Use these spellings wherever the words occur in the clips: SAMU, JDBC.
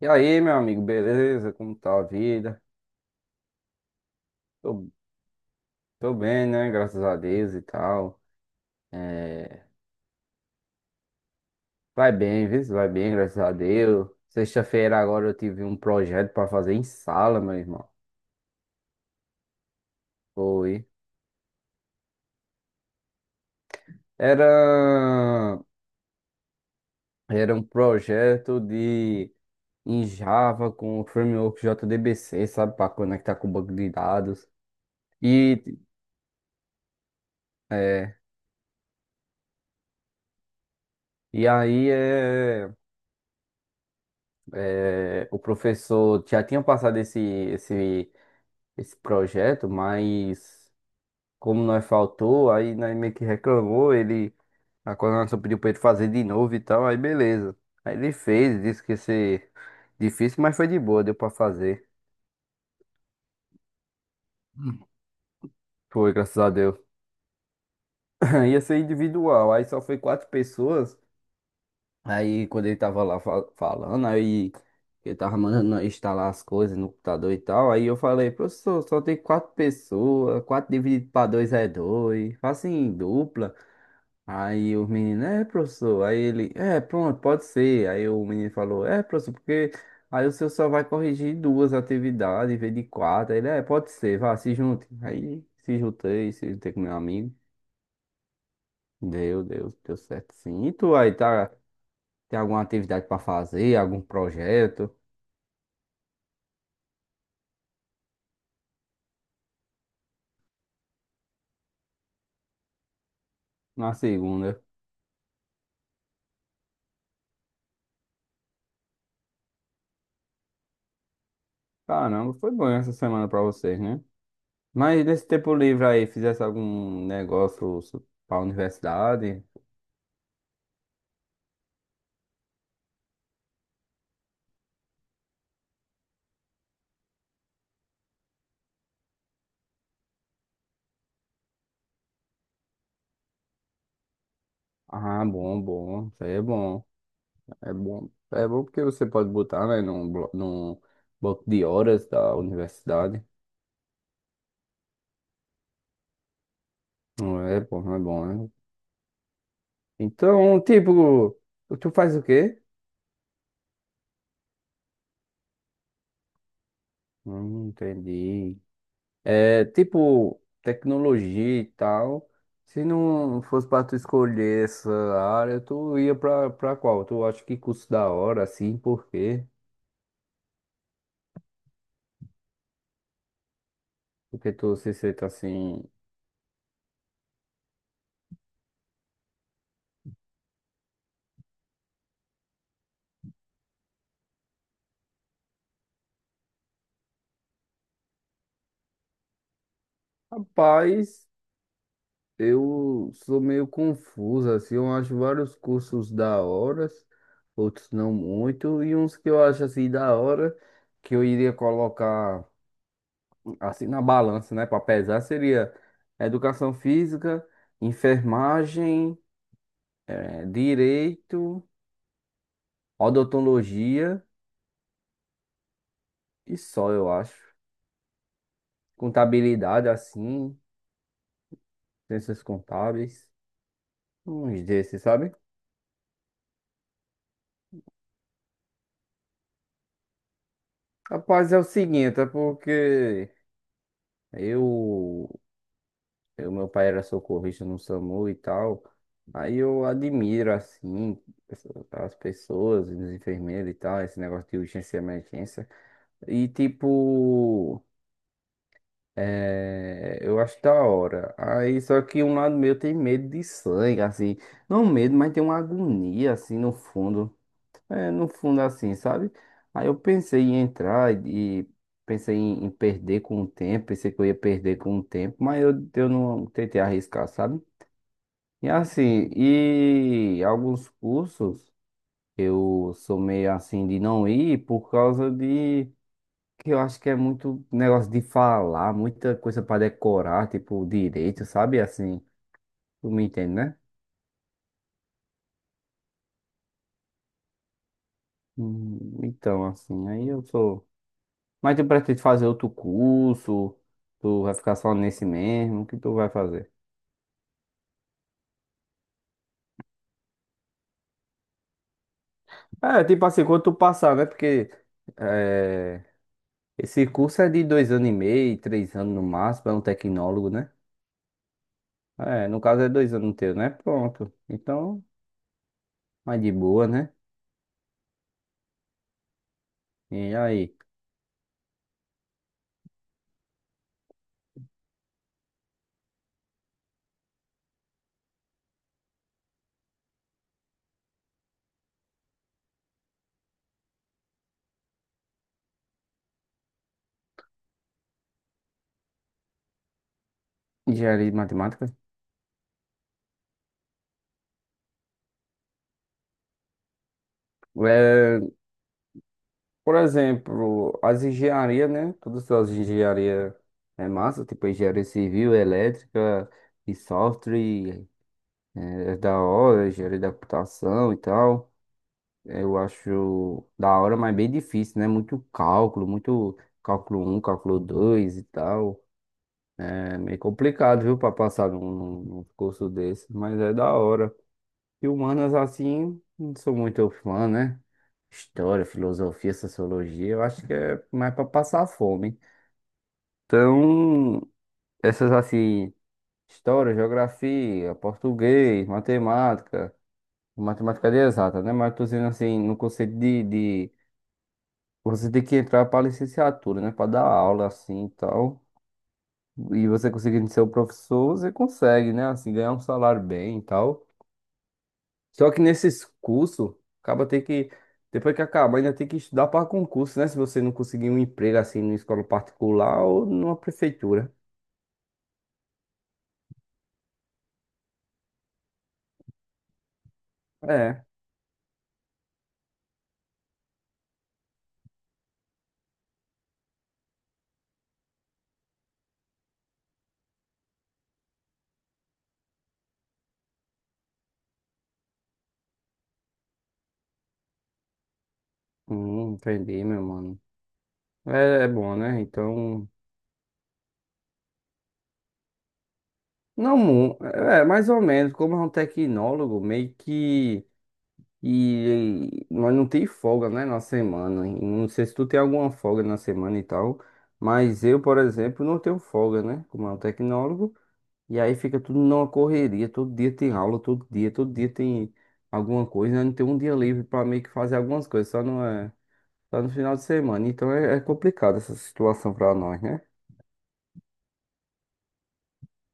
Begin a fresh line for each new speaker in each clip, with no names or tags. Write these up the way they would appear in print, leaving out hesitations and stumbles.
E aí, meu amigo, beleza? Como tá a vida? Tô, tô bem, né? Graças a Deus e tal. É, Vai bem, viu? Vai bem, graças a Deus. Sexta-feira agora eu tive um projeto pra fazer em sala, meu irmão. Foi. Era... Era um projeto em Java com o framework JDBC, sabe? Pra conectar com o banco de dados. E... É... E aí o professor já tinha passado esse projeto, mas como nós faltou, aí nós meio que reclamou, a coordenação pediu pra ele fazer de novo e tal, aí beleza. Aí ele fez, disse que ia ser difícil, mas foi de boa, deu pra fazer. Hum. Foi, graças a Deus. Ia ser individual, aí só foi quatro pessoas. Aí quando ele tava lá falando, aí ele tava mandando nós instalar as coisas no computador e tal, aí eu falei, professor, só tem quatro pessoas, quatro dividido para dois é dois, faça em dupla. Aí o menino, é, professor. Aí ele, é, pronto, pode ser. Aí o menino falou, é, professor, porque aí o senhor só vai corrigir duas atividades em vez de quatro. Aí ele, é, pode ser, vá, se junte. Aí se juntei com meu amigo. Deu certo, sim. E tu aí, tá? Tem alguma atividade pra fazer, algum projeto? Na segunda. Caramba, foi bom essa semana pra vocês, né? Mas nesse tempo livre aí, fizesse algum negócio pra universidade? Ah, bom, bom, isso aí é bom. É bom, é bom porque você pode botar, né, num bloco de horas da universidade. Não é bom, não é bom, né? Então, tipo, tu faz o quê? Entendi. É, tipo, tecnologia e tal. Se não fosse pra tu escolher essa área, tu ia pra qual? Tu acha que curso da hora, assim, por quê? Porque tu se sente assim, rapaz. Eu sou meio confuso, assim, eu acho vários cursos da hora, outros não muito, e uns que eu acho assim da hora, que eu iria colocar assim na balança, né, para pesar, seria educação física, enfermagem, direito, odontologia e só, eu acho. Contabilidade, assim, ciências contábeis, uns desses, sabe? Rapaz, é o seguinte, é porque eu Eu, meu pai era socorrista no SAMU e tal. Aí eu admiro, assim, as pessoas, os enfermeiros e tal, esse negócio de urgência e emergência. E, tipo, eu acho da hora. Aí, só que um lado meu tem medo de sangue, assim. Não medo, mas tem uma agonia, assim, no fundo. É, no fundo, assim, sabe? Aí eu pensei em entrar e pensei em perder com o tempo. Pensei que eu ia perder com o tempo, mas eu não tentei arriscar, sabe? E assim, e alguns cursos eu sou meio assim de não ir por causa de que eu acho que é muito negócio de falar, muita coisa para decorar, tipo direito, sabe? Assim, tu me entende, né? Então, assim, aí eu sou. Mas tu pretende fazer outro curso? Tu vai ficar só nesse mesmo? O que tu vai fazer? É, tipo assim, quando tu passar, né? Porque é, esse curso é de dois anos e meio, três anos no máximo, é um tecnólogo, né? É, no caso é dois anos teu, né? Pronto. Então, mais de boa, né? E aí? Engenharia de matemática? É, por exemplo, as engenharias, né? Todas as engenharias é massa, tipo engenharia civil, elétrica e software, é da hora, engenharia da computação e tal. Eu acho da hora, mas bem difícil, né? Muito cálculo um, cálculo 2 e tal. É meio complicado, viu, pra passar num curso desse, mas é da hora. E humanas assim, não sou muito fã, né? História, filosofia, sociologia, eu acho que é mais para passar fome. Então, essas assim, história, geografia, português, matemática, matemática de exata, né? Mas tô dizendo assim, no conceito de você tem que entrar para licenciatura, né? Para dar aula assim e tal. E você conseguindo ser o professor, você consegue, né? Assim, ganhar um salário bem e tal. Só que nesses cursos, acaba ter que, depois que acabar, ainda tem que estudar para concurso, né? Se você não conseguir um emprego assim numa escola particular ou numa prefeitura. É, entendi, meu mano. É, é bom, né? Então, não, é mais ou menos, como é um tecnólogo, meio que nós não tem folga, né, na semana. E não sei se tu tem alguma folga na semana e tal, mas eu, por exemplo, não tenho folga, né? Como é um tecnólogo. E aí fica tudo numa correria, todo dia tem aula, todo dia tem alguma coisa, né? Não tem um dia livre para meio que fazer algumas coisas, só não é, só no final de semana. Então é complicado essa situação para nós, né?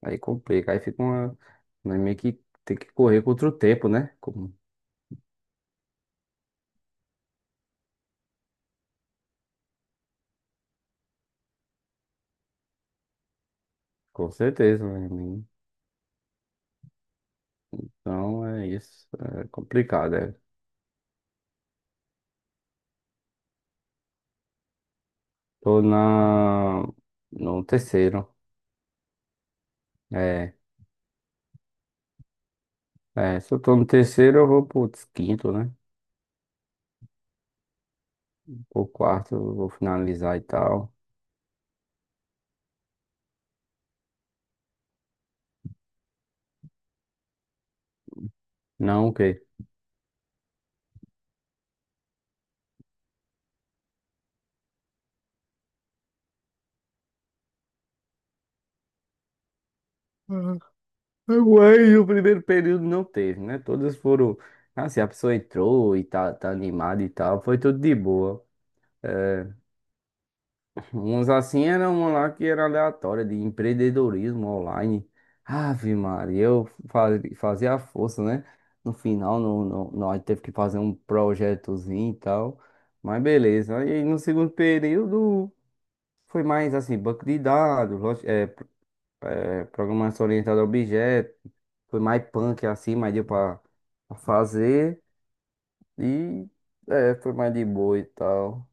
Aí complica, aí fica uma, nós meio que tem que correr contra o tempo, né? Com certeza, meu amigo. Então é isso, é complicado, é. Tô no terceiro, é, se eu tô no terceiro eu vou pro quinto, né? Pro quarto eu vou finalizar e tal. Não, ok. Uhum. Mas o primeiro período não teve, né? Todas foram. Assim, a pessoa entrou e tá animada e tal, foi tudo de boa. Uns assim era uma lá que era aleatória, de empreendedorismo online. Ave Maria, eu fazia a força, né? No final, no, no, nós teve que fazer um projetozinho e tal. Mas beleza. Aí no segundo período foi mais assim, banco de dados, programação orientada a objetos. Foi mais punk assim, mas deu pra fazer. E foi mais de boa e tal.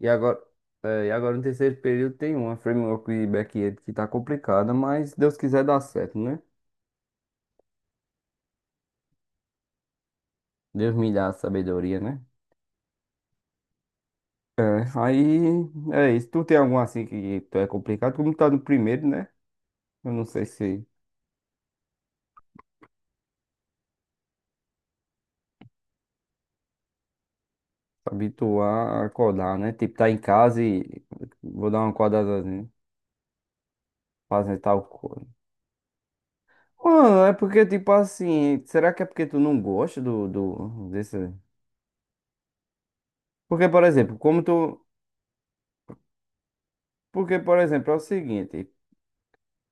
E agora, e agora no terceiro período tem uma framework e back-end que tá complicada, mas Deus quiser dá certo, né? Deus me dá a sabedoria, né? É, aí é isso. Tu tem algum assim que tu é complicado, como tá no primeiro, né? Eu não sei se habituar a acordar, né? Tipo, tá em casa e vou dar uma acordada, fazer tal coisa. Mano, é porque, tipo assim, será que é porque tu não gosta desse... Porque, por exemplo, como tu... Porque, por exemplo, é o seguinte,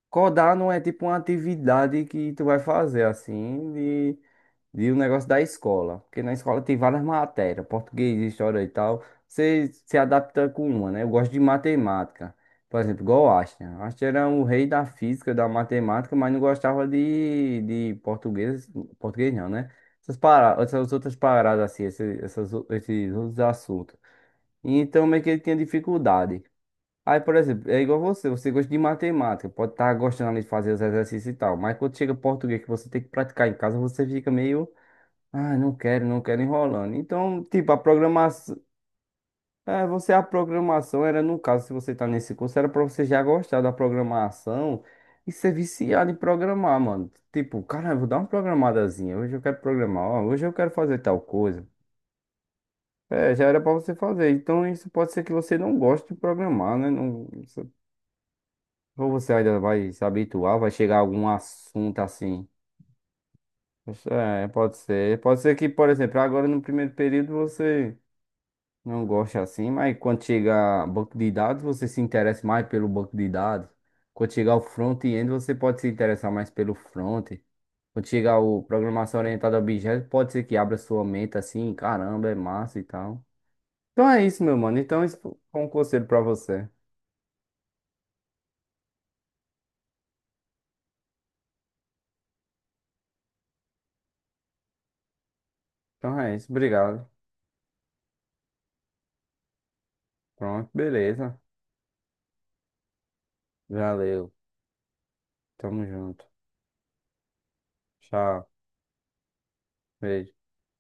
codar não é tipo uma atividade que tu vai fazer, assim, e o negócio da escola. Porque na escola tem várias matérias, português, história e tal. Você se adapta com uma, né? Eu gosto de matemática. Por exemplo, igual o Einstein. O Einstein era o rei da física, da matemática, mas não gostava de português. Português não, né? Essas paradas, essas outras paradas assim, esses outros assuntos. E então meio que ele tinha dificuldade. Aí, por exemplo, é igual você, você gosta de matemática, pode estar gostando ali de fazer os exercícios e tal, mas quando chega português que você tem que praticar em casa, você fica meio ah, não quero, não quero enrolando. Então, tipo, a programação. É, você, a programação era, no caso, se você tá nesse curso, era pra você já gostar da programação e ser viciado em programar, mano. Tipo, cara, vou dar uma programadazinha. Hoje eu quero programar, ó, hoje eu quero fazer tal coisa. É, já era pra você fazer. Então, isso pode ser que você não goste de programar, né? Não, ou você ainda vai se habituar, vai chegar a algum assunto assim. Isso é, pode ser. Pode ser que, por exemplo, agora no primeiro período você não gosta assim, mas quando chega banco de dados, você se interessa mais pelo banco de dados. Quando chegar o front-end, você pode se interessar mais pelo front. Quando chegar o programação orientada a objetos, pode ser que abra sua mente assim, caramba, é massa e tal. Então é isso, meu mano. Então isso foi um conselho pra você. Então é isso, obrigado. Pronto, beleza. Valeu. Tamo junto. Tchau. Beijo.